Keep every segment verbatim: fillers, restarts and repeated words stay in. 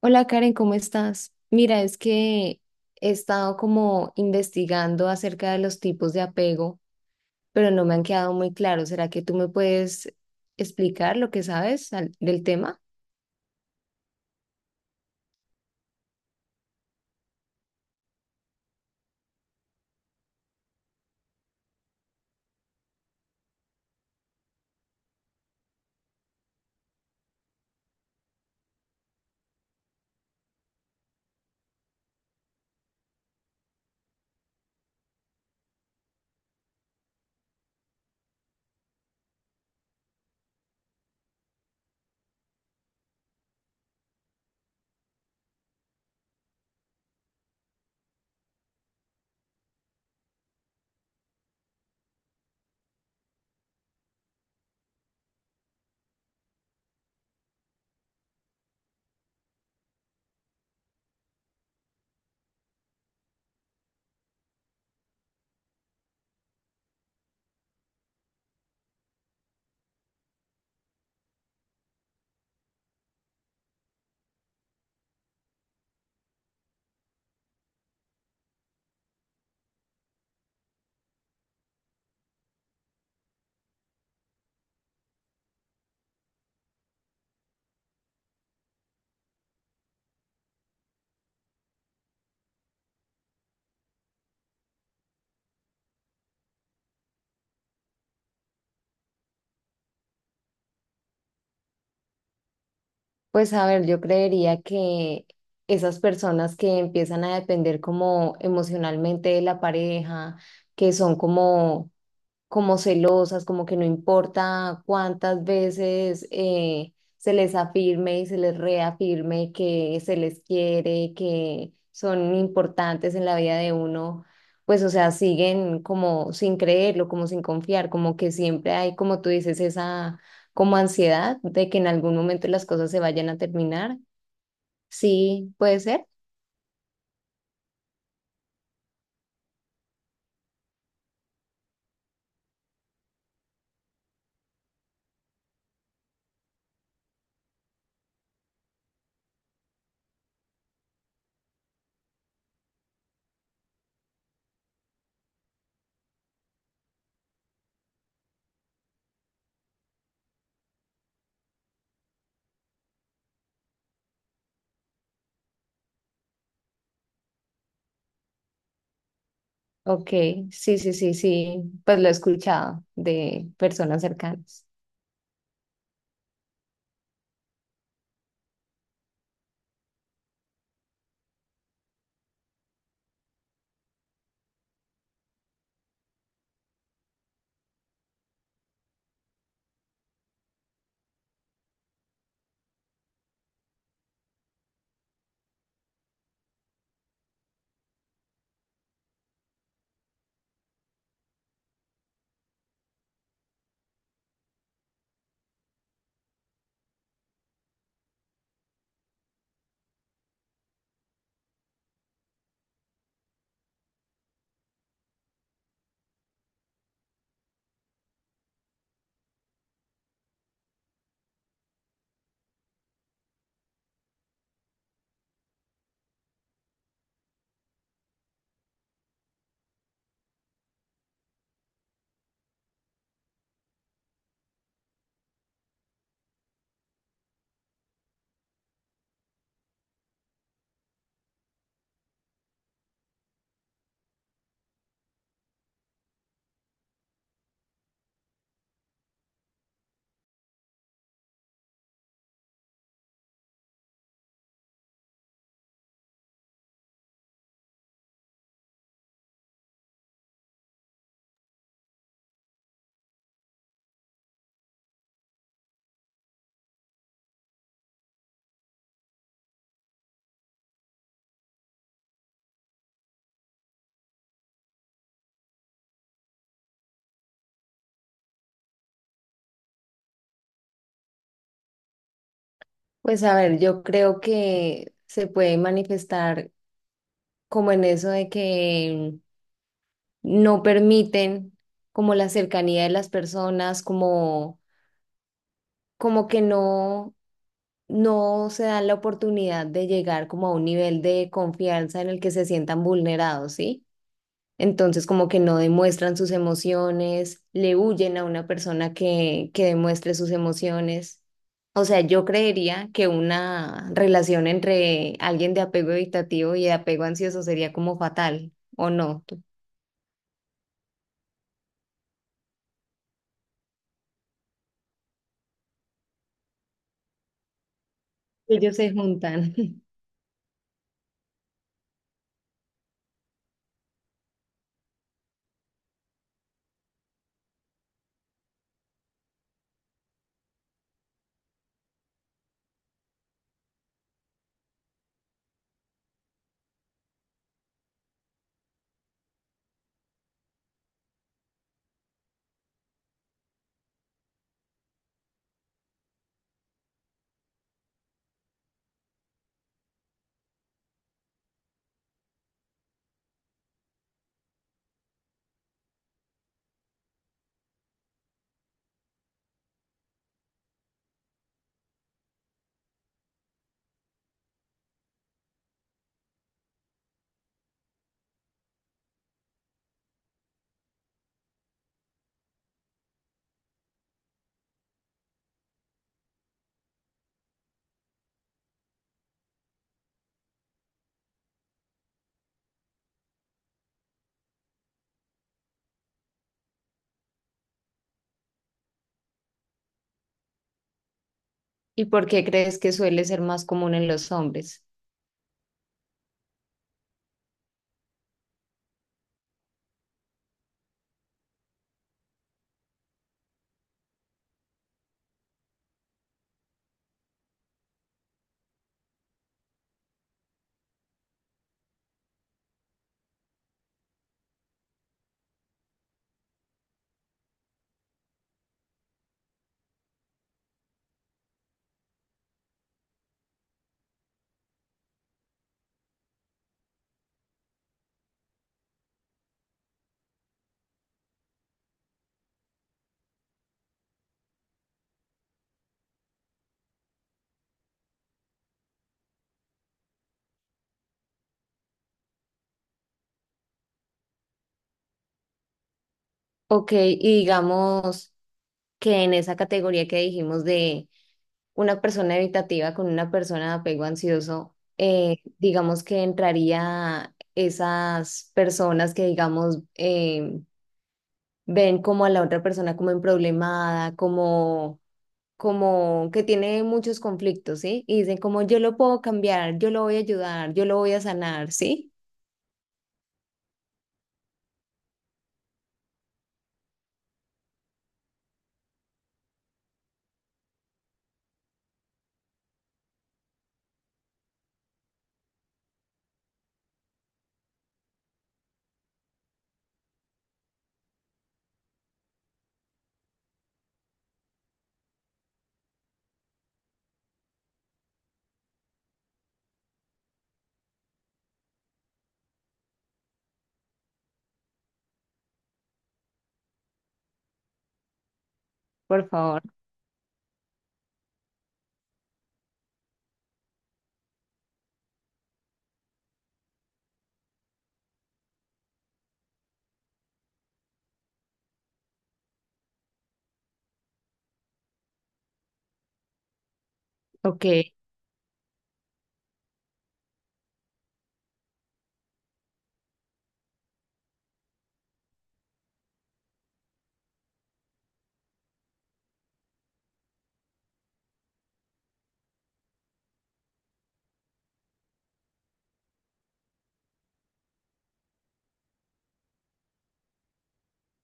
Hola Karen, ¿cómo estás? Mira, es que he estado como investigando acerca de los tipos de apego, pero no me han quedado muy claros. ¿Será que tú me puedes explicar lo que sabes al- del tema? Pues a ver, yo creería que esas personas que empiezan a depender como emocionalmente de la pareja, que son como como celosas, como que no importa cuántas veces eh, se les afirme y se les reafirme que se les quiere, que son importantes en la vida de uno, pues o sea, siguen como sin creerlo, como sin confiar, como que siempre hay, como tú dices, esa como ansiedad de que en algún momento las cosas se vayan a terminar. Sí, puede ser. Ok, sí, sí, sí, sí, pues lo he escuchado de personas cercanas. Pues a ver, yo creo que se puede manifestar como en eso de que no permiten como la cercanía de las personas, como, como que no, no se dan la oportunidad de llegar como a un nivel de confianza en el que se sientan vulnerados, ¿sí? Entonces, como que no demuestran sus emociones, le huyen a una persona que, que demuestre sus emociones. O sea, yo creería que una relación entre alguien de apego evitativo y de apego ansioso sería como fatal, ¿o no? Ellos se juntan. ¿Y por qué crees que suele ser más común en los hombres? Ok, y digamos que en esa categoría que dijimos de una persona evitativa con una persona de apego ansioso, eh, digamos que entraría esas personas que, digamos, eh, ven como a la otra persona como emproblemada, como, como que tiene muchos conflictos, ¿sí? Y dicen como yo lo puedo cambiar, yo lo voy a ayudar, yo lo voy a sanar, ¿sí? Por favor. Ok.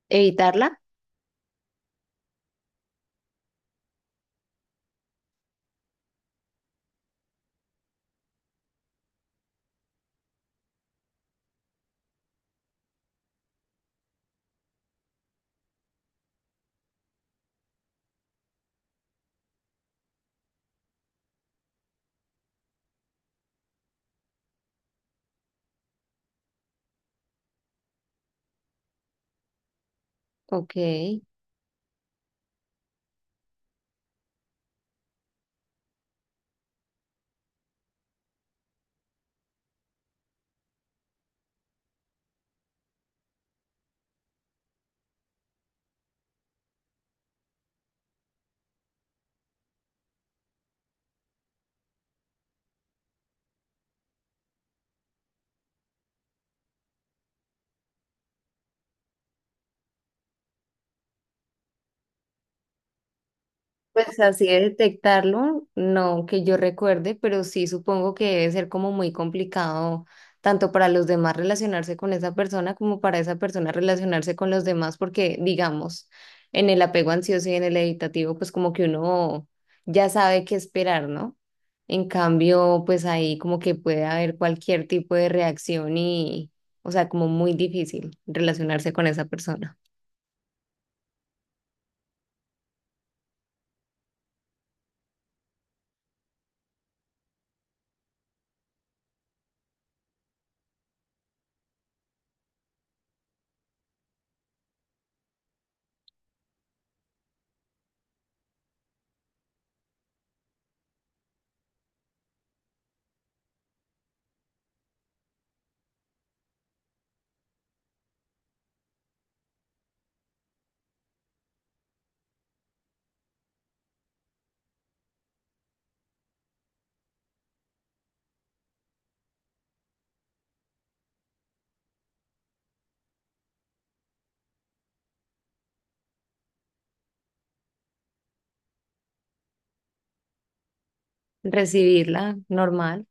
¿Evitarla? Ok. Pues así de detectarlo, no que yo recuerde, pero sí supongo que debe ser como muy complicado tanto para los demás relacionarse con esa persona como para esa persona relacionarse con los demás, porque digamos, en el apego ansioso y en el evitativo, pues como que uno ya sabe qué esperar, ¿no? En cambio, pues ahí como que puede haber cualquier tipo de reacción y, o sea, como muy difícil relacionarse con esa persona. Recibirla normal.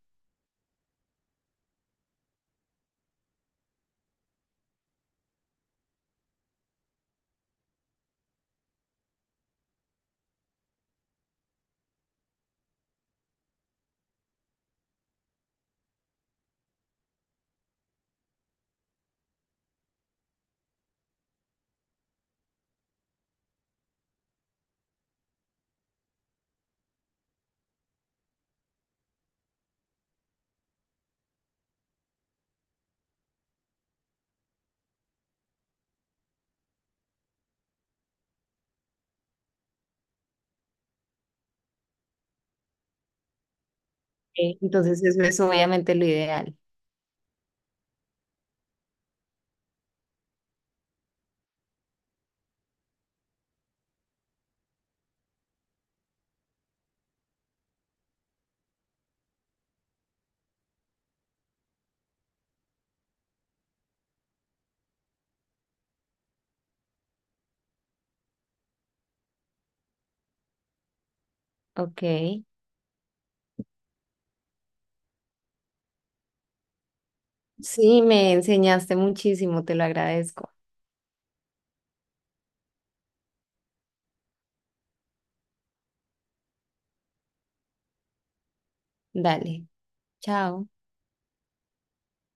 Ok, entonces eso es obviamente lo ideal. Ok. Sí, me enseñaste muchísimo, te lo agradezco. Dale, chao.